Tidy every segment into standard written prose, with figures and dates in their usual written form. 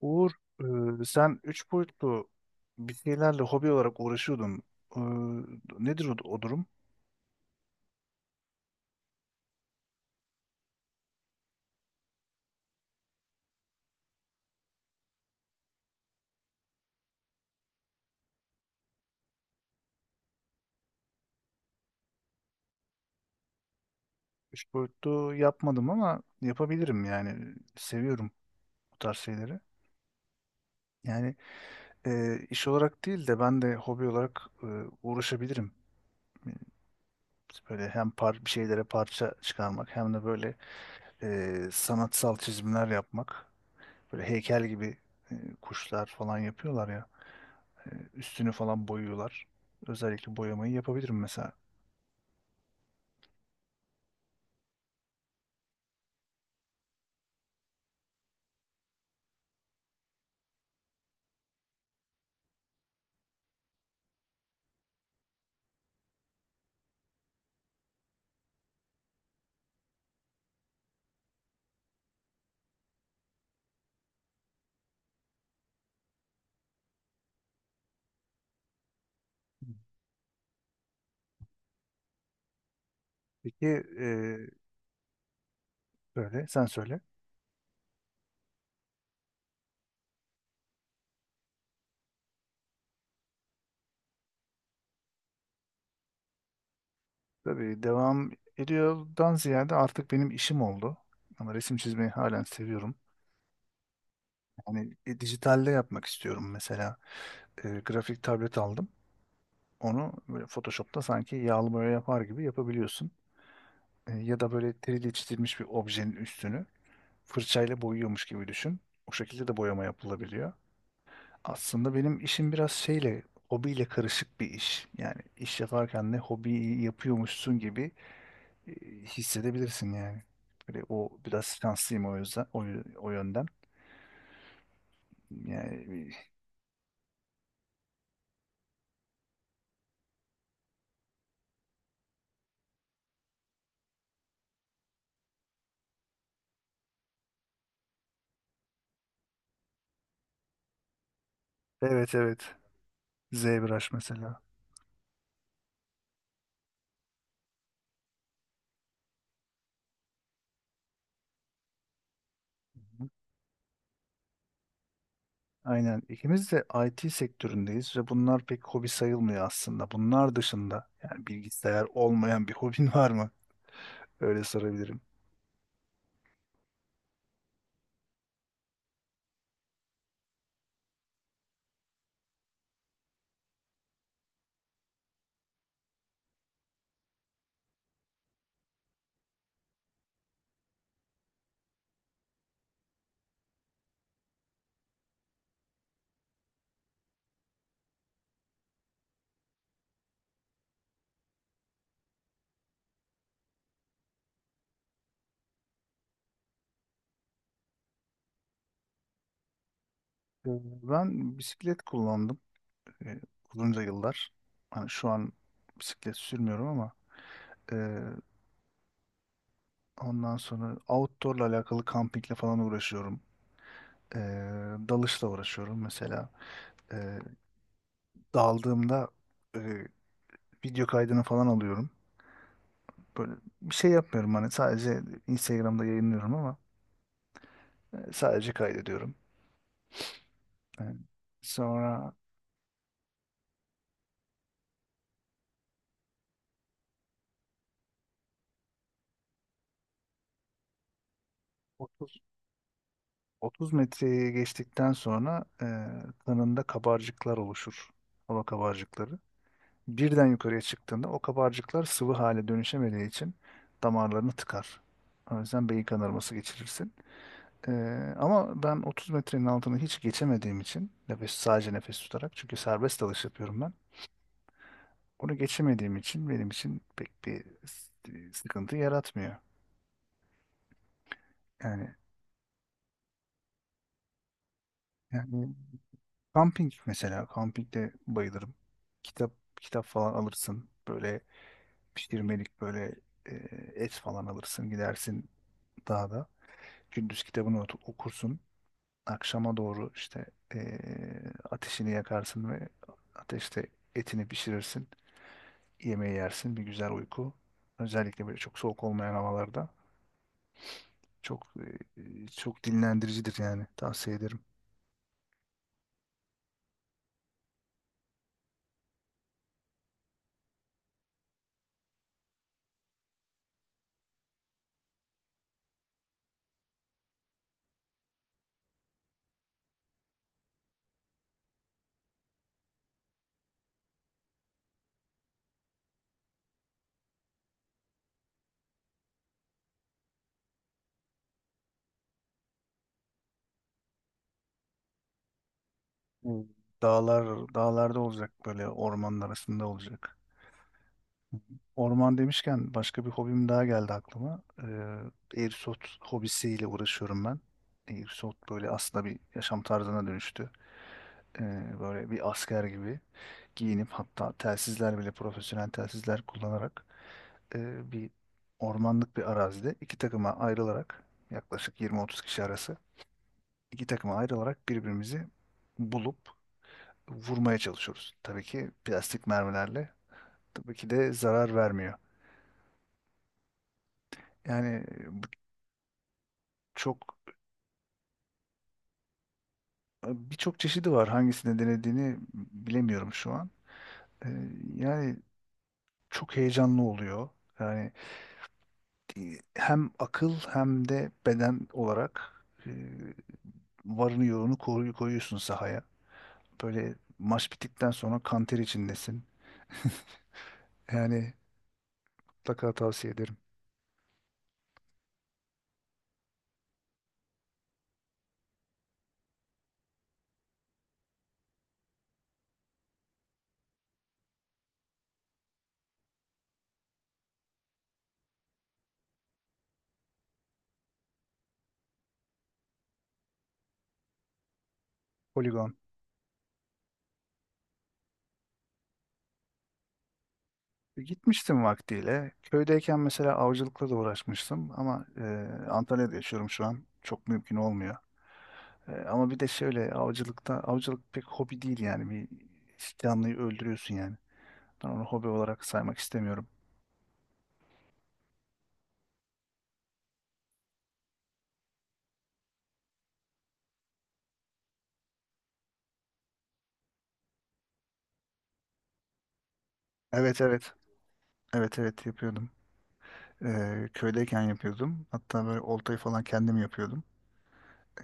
Uğur, sen üç boyutlu bir şeylerle hobi olarak uğraşıyordun. E, Nedir o, o durum? Üç boyutlu yapmadım ama yapabilirim yani. Seviyorum bu tarz şeyleri. Yani iş olarak değil de ben de hobi olarak uğraşabilirim. E, Böyle hem bir şeylere parça çıkarmak hem de böyle sanatsal çizimler yapmak. Böyle heykel gibi e, kuşlar falan yapıyorlar ya. Üstünü falan boyuyorlar. Özellikle boyamayı yapabilirim mesela. Peki e, böyle sen söyle. Tabii devam ediyordan ziyade artık benim işim oldu. Ama resim çizmeyi halen seviyorum. Yani dijitalde yapmak istiyorum mesela. Grafik tablet aldım. Onu böyle Photoshop'ta sanki yağlı boya yapar gibi yapabiliyorsun. Ya da böyle 3D çizilmiş bir objenin üstünü fırçayla boyuyormuş gibi düşün. O şekilde de boyama yapılabiliyor. Aslında benim işim biraz şeyle, hobiyle karışık bir iş. Yani iş yaparken de hobiyi yapıyormuşsun gibi e, hissedebilirsin yani. Böyle o biraz şanslıyım o yüzden o yönden. Yani evet evet. ZBrush mesela. Hı hı. Aynen. İkimiz de IT sektöründeyiz ve bunlar pek hobi sayılmıyor aslında. Bunlar dışında yani bilgisayar olmayan bir hobin var mı? Öyle sorabilirim. Ee, Ben bisiklet kullandım e, uzunca yıllar. Hani şu an bisiklet sürmüyorum ama e, ondan sonra outdoor'la alakalı kampingle falan uğraşıyorum. Ee, Dalışla uğraşıyorum mesela. Ee, Daldığımda e, video kaydını falan alıyorum. Böyle bir şey yapmıyorum hani sadece Instagram'da yayınlıyorum ama sadece kaydediyorum. Ee, Sonra 30, 30 metreyi geçtikten sonra kanında kabarcıklar oluşur. Hava kabarcıkları. Birden yukarıya çıktığında o kabarcıklar sıvı hale dönüşemediği için damarlarını tıkar. O yüzden beyin kanaması geçirirsin. Ama ben 30 metrenin altını hiç geçemediğim için sadece nefes tutarak çünkü serbest dalış yapıyorum ben. Onu geçemediğim için benim için pek bir sıkıntı yaratmıyor. Yani yani kamping mesela kampingde bayılırım. Kitap Kitap falan alırsın. Böyle pişirmelik böyle e, et falan alırsın gidersin dağda. Gündüz kitabını okursun. Akşama doğru işte e, ateşini yakarsın ve ateşte etini pişirirsin. Yemeği yersin, bir güzel uyku. Özellikle böyle çok soğuk olmayan havalarda çok çok dinlendiricidir yani tavsiye ederim. Bu Dağlar dağlarda olacak, böyle ormanın arasında olacak. Orman demişken başka bir hobim daha geldi aklıma. Airsoft hobisiyle uğraşıyorum ben. Airsoft böyle aslında bir yaşam tarzına dönüştü. Böyle bir asker gibi giyinip, hatta telsizler bile profesyonel telsizler kullanarak bir ormanlık bir arazide, iki takıma ayrılarak, yaklaşık 20-30 kişi arası iki takıma ayrılarak birbirimizi bulup vurmaya çalışıyoruz. Tabii ki plastik mermilerle, tabii ki de zarar vermiyor. Yani bu çok birçok çeşidi var. Hangisini denediğini bilemiyorum şu an. E, Yani çok heyecanlı oluyor. Yani hem akıl hem de beden olarak varını yoğunu koyuyorsun sahaya. Böyle maç bittikten sonra kanter içindesin. Yani mutlaka tavsiye ederim. Poligon. Gitmiştim vaktiyle. Köydeyken mesela avcılıkla da uğraşmıştım ama Antalya'da yaşıyorum şu an. Çok mümkün olmuyor. Ama bir de şöyle, avcılık pek hobi değil yani. Bir canlıyı öldürüyorsun yani. Ben onu hobi olarak saymak istemiyorum. Evet, evet. Evet, evet, yapıyordum. E, Köydeyken yapıyordum. Hatta böyle oltayı falan kendim yapıyordum.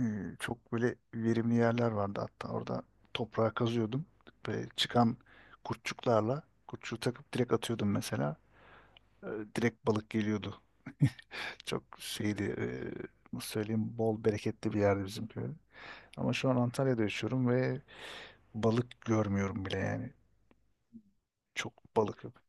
e, Çok böyle verimli yerler vardı, hatta orada toprağa kazıyordum. Böyle çıkan kurtçuğu takıp direkt atıyordum mesela. E, Direkt balık geliyordu. Çok şeydi, nasıl söyleyeyim, bol bereketli bir yerdi bizim köy. Ama şu an Antalya'da yaşıyorum ve balık görmüyorum bile yani. Çok balık yok.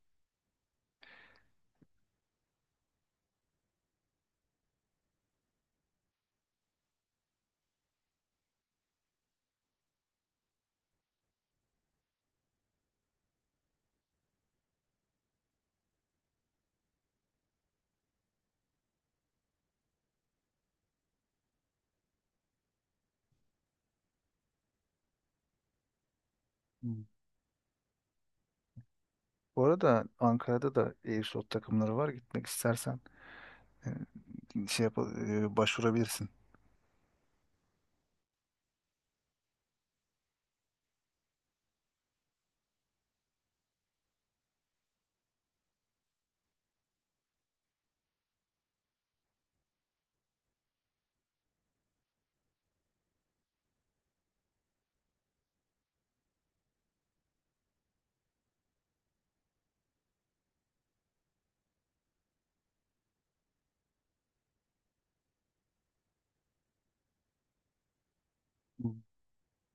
Hmm. Bu arada Ankara'da da e-spor takımları var. Gitmek istersen e, şey yap, başvurabilirsin.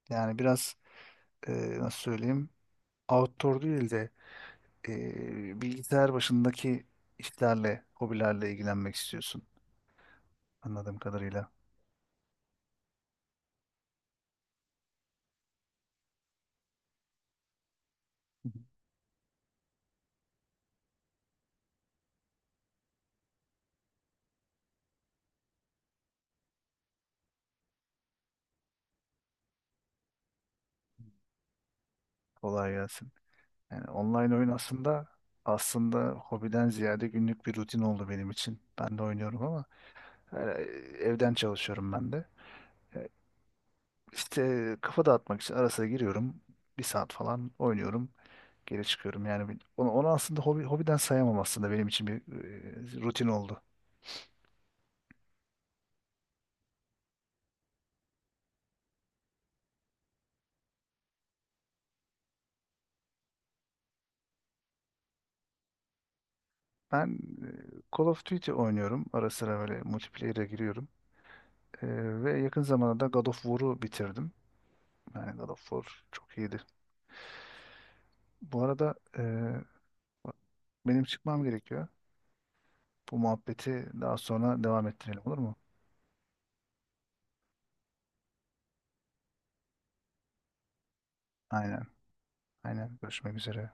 Yani biraz, e, nasıl söyleyeyim, outdoor değil de bilgisayar başındaki işlerle, hobilerle ilgilenmek istiyorsun anladığım kadarıyla. Hı hı. Kolay gelsin. Yani online oyun aslında hobiden ziyade günlük bir rutin oldu benim için. Ben de oynuyorum ama e, evden çalışıyorum ben de. E, İşte kafa dağıtmak için ara sıra giriyorum. Bir saat falan oynuyorum. Geri çıkıyorum. Yani onu aslında hobiden sayamam, aslında benim için bir rutin oldu. Ben Call of Duty oynuyorum. Ara sıra böyle multiplayer'e giriyorum. E, Ve yakın zamanda da God of War'u bitirdim. Yani God of War çok iyiydi. Bu arada benim çıkmam gerekiyor. Bu muhabbeti daha sonra devam ettirelim, olur mu? Aynen. Aynen. Görüşmek üzere.